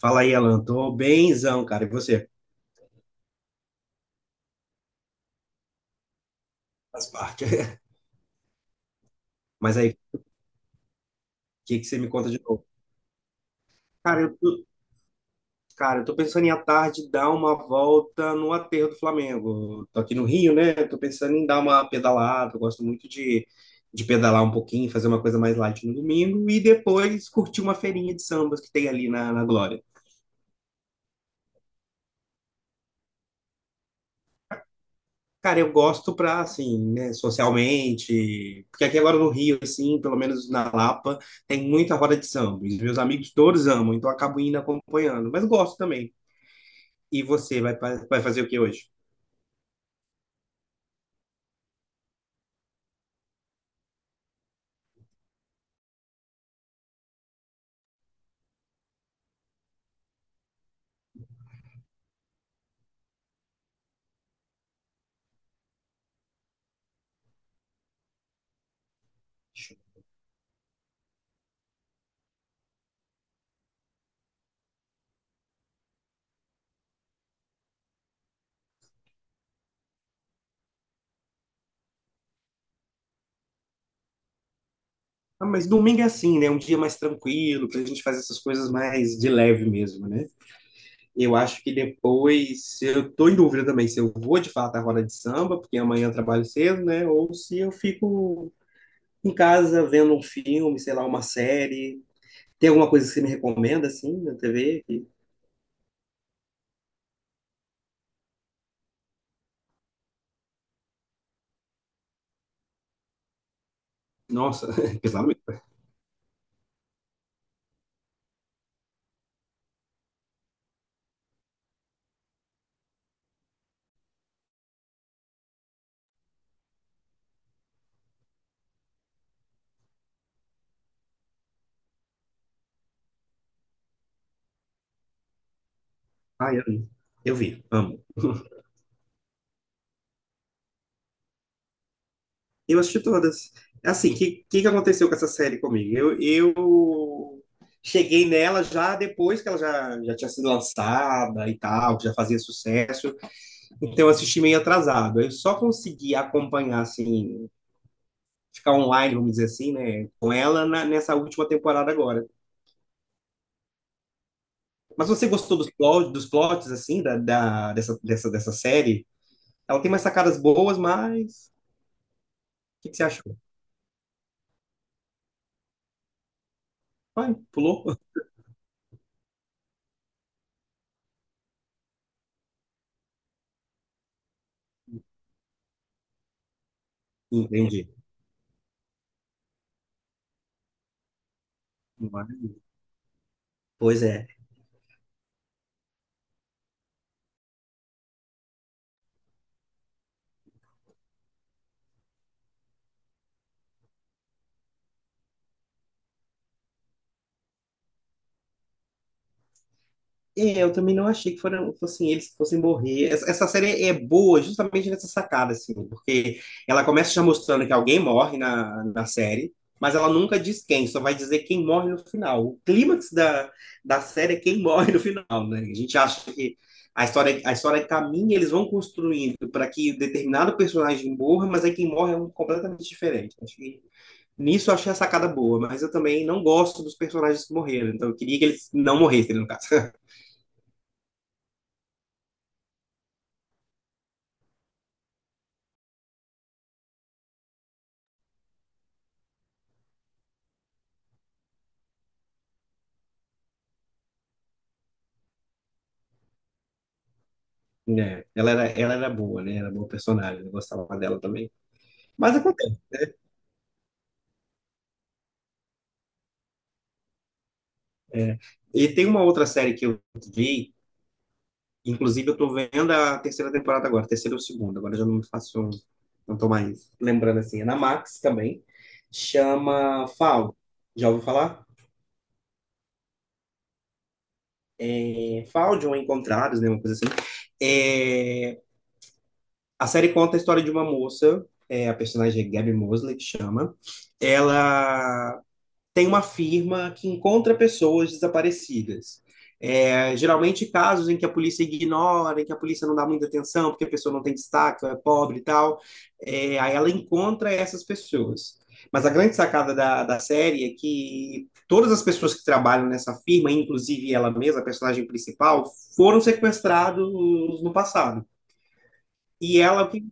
Fala aí, Alan. Tô bemzão, cara. E você? Faz parte. Mas aí, o que que você me conta de novo? Cara, eu tô, cara, eu tô pensando em à tarde dar uma volta no aterro do Flamengo. Tô aqui no Rio, né? Tô pensando em dar uma pedalada. Eu gosto muito de pedalar um pouquinho, fazer uma coisa mais light no domingo e depois curtir uma feirinha de sambas que tem ali na Glória. Cara, eu gosto pra, assim, né, socialmente, porque aqui agora no Rio, assim, pelo menos na Lapa, tem muita roda de samba. E os meus amigos todos amam, então eu acabo indo acompanhando, mas gosto também. E você, vai fazer o que hoje? Ah, mas domingo é assim, né? Um dia mais tranquilo, pra gente fazer essas coisas mais de leve mesmo, né? Eu acho que depois, eu tô em dúvida também se eu vou de fato à roda de samba, porque amanhã eu trabalho cedo, né? Ou se eu fico em casa vendo um filme, sei lá, uma série. Tem alguma coisa que você me recomenda, assim, na TV? Que- Nossa, pesado mesmo. Ai, eu vi, amo. Eu assisti todas. Assim, o que aconteceu com essa série comigo? Eu cheguei nela já depois que ela já tinha sido lançada e tal, que já fazia sucesso. Então eu assisti meio atrasado. Eu só consegui acompanhar, assim, ficar online, vamos dizer assim, né, com ela nessa última temporada agora. Mas você gostou dos plots, assim, dessa série? Ela tem umas sacadas boas, mas. O que, que você achou? Vai, pulou? Entendi. Pois é. É, eu também não achei que foram, fossem eles que fossem morrer. Essa série é boa justamente nessa sacada, assim, porque ela começa já mostrando que alguém morre na série, mas ela nunca diz quem, só vai dizer quem morre no final. O clímax da série é quem morre no final, né? A gente acha que a história caminha, eles vão construindo para que determinado personagem morra, mas aí quem morre é um completamente diferente. Acho que Nisso eu achei a sacada boa, mas eu também não gosto dos personagens que morreram, então eu queria que eles não morressem, no caso. É, ela era boa, né? Era boa personagem, eu gostava dela também. Mas acontece. É. E tem uma outra série que eu vi, inclusive eu tô vendo a terceira temporada agora, terceira ou segunda, agora eu já não me faço, não tô mais lembrando assim. É na Max também, chama Fall. Já ouviu falar? É, Fall de ou Encontrados, né? Uma coisa assim. É, a série conta a história de uma moça, é, a personagem é Gabby Mosley, que chama. Ela tem uma firma que encontra pessoas desaparecidas. É, geralmente casos em que a polícia ignora, em que a polícia não dá muita atenção, porque a pessoa não tem destaque, é pobre e tal. É, aí ela encontra essas pessoas. Mas a grande sacada da série é que todas as pessoas que trabalham nessa firma, inclusive ela mesma, a personagem principal, foram sequestrados no passado. E ela, o que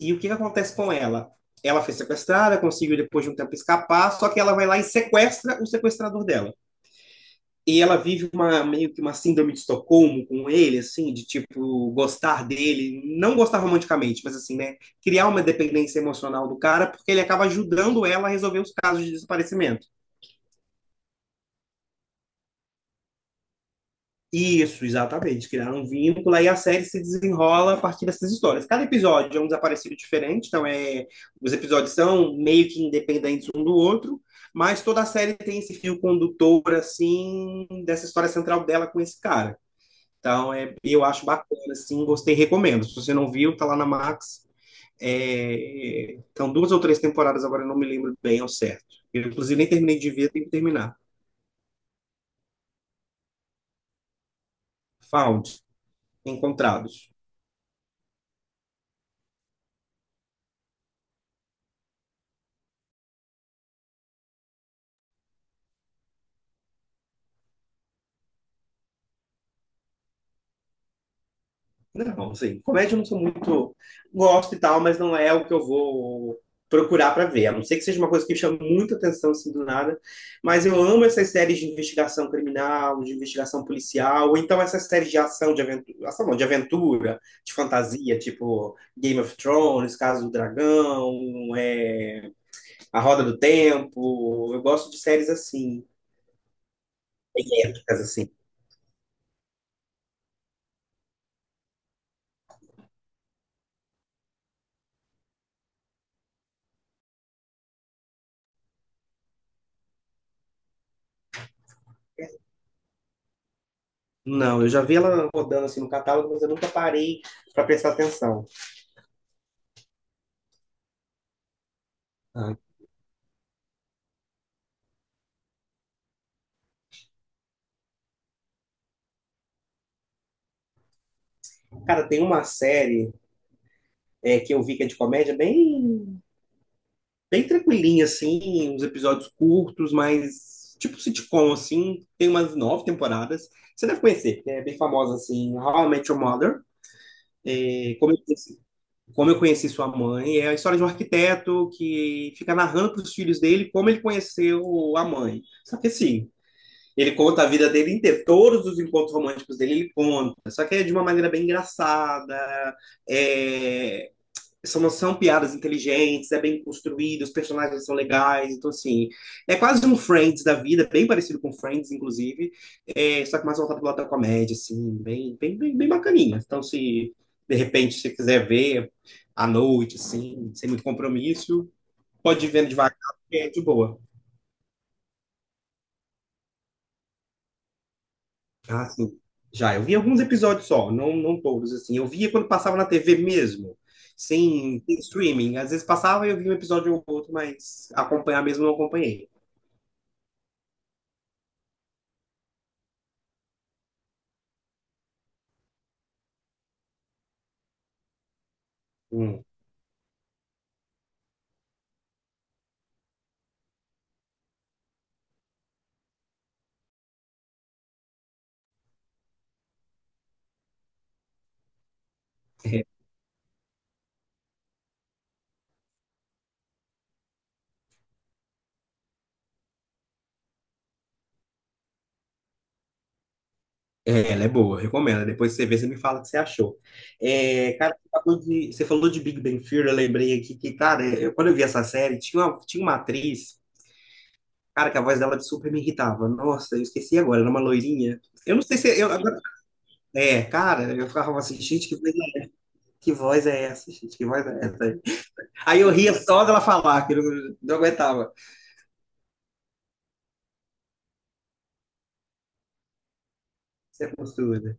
e o que que acontece com ela? Ela foi sequestrada, conseguiu depois de um tempo escapar, só que ela vai lá e sequestra o sequestrador dela. E ela vive uma meio que uma síndrome de Estocolmo com ele, assim, de tipo gostar dele, não gostar romanticamente, mas assim, né, criar uma dependência emocional do cara, porque ele acaba ajudando ela a resolver os casos de desaparecimento. Isso, exatamente. Criaram um vínculo aí a série se desenrola a partir dessas histórias. Cada episódio é um desaparecido diferente, então é, os episódios são meio que independentes um do outro, mas toda a série tem esse fio condutor, assim, dessa história central dela com esse cara. Então, é, eu acho bacana, assim, gostei, recomendo. Se você não viu, tá lá na Max. É, então, duas ou três temporadas, agora eu não me lembro bem ao certo. Eu, inclusive, nem terminei de ver, tenho que terminar. Found, Encontrados. Não, assim, comédia eu não sou muito. Gosto e tal, mas não é o que eu vou procurar para ver. A não ser que seja uma coisa que chame muita atenção assim do nada. Mas eu amo essas séries de investigação criminal, de investigação policial, ou então essas séries de ação, de aventura, ação não, de aventura, de fantasia, tipo Game of Thrones, Casa do Dragão, é, A Roda do Tempo. Eu gosto de séries assim, dicas assim. Não, eu já vi ela rodando assim no catálogo, mas eu nunca parei para prestar atenção. Ah, cara, tem uma série é, que eu vi que é de comédia bem, bem tranquilinha, assim, uns episódios curtos, mas tipo sitcom, assim, tem umas nove temporadas. Você deve conhecer, é bem famosa, assim, How I Met Your Mother. É, como eu conheci sua mãe, é a história de um arquiteto que fica narrando para os filhos dele como ele conheceu a mãe. Só que assim, ele conta a vida dele inteira, todos os encontros românticos dele ele conta, só que é de uma maneira bem engraçada, é, são piadas inteligentes, é bem construído, os personagens são legais, então assim, é quase um Friends da vida, bem parecido com Friends, inclusive, é, só que mais voltado pro lado da comédia, assim, bem, bem, bem, bem bacaninha. Então, se de repente você quiser ver à noite, assim, sem muito compromisso, pode ir vendo devagar, porque é de boa. Ah, sim. Já, eu vi alguns episódios só, não, não todos, assim. Eu via quando passava na TV mesmo, sem streaming. Às vezes passava e eu via um episódio ou outro, mas acompanhar mesmo não acompanhei. Hum. É, ela é boa, eu recomendo. Depois você vê, você me fala o que você achou. É, cara, você falou de Big Bang Theory, eu lembrei aqui que, cara, quando eu vi essa série, tinha uma atriz, cara, que a voz dela super me irritava. Nossa, eu esqueci agora, era uma loirinha. Eu não sei se. É, cara, eu ficava assim, gente, que voz é essa, gente? Que voz é essa? Aí eu ria só dela falar, que eu não aguentava. Isso é postura.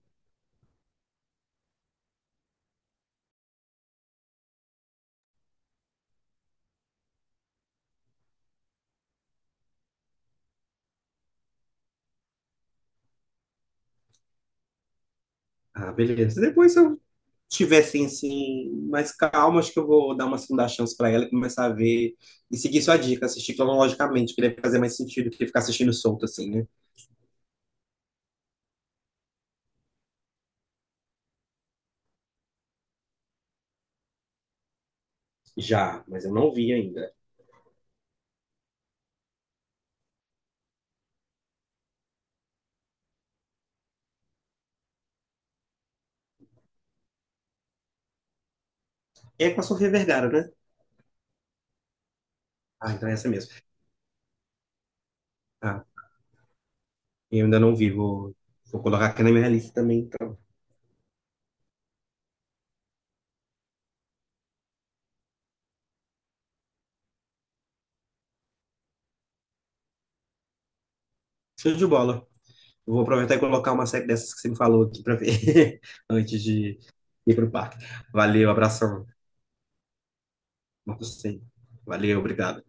Ah, beleza. Depois eu tivessem assim, mais calma, acho que eu vou dar uma segunda chance para ela e começar a ver e seguir sua dica, assistir cronologicamente, que deve fazer mais sentido do que ficar assistindo solto assim, né? Já, mas eu não vi ainda. É com a Sofia Vergara, né? Ah, então é essa mesmo. Ah, eu ainda não vi, vou colocar aqui na minha lista também, então. Show de bola. Eu vou aproveitar e colocar uma série dessas que você me falou aqui para ver antes de ir pro parque. Valeu, abração. Marcos, sim. Valeu, obrigado.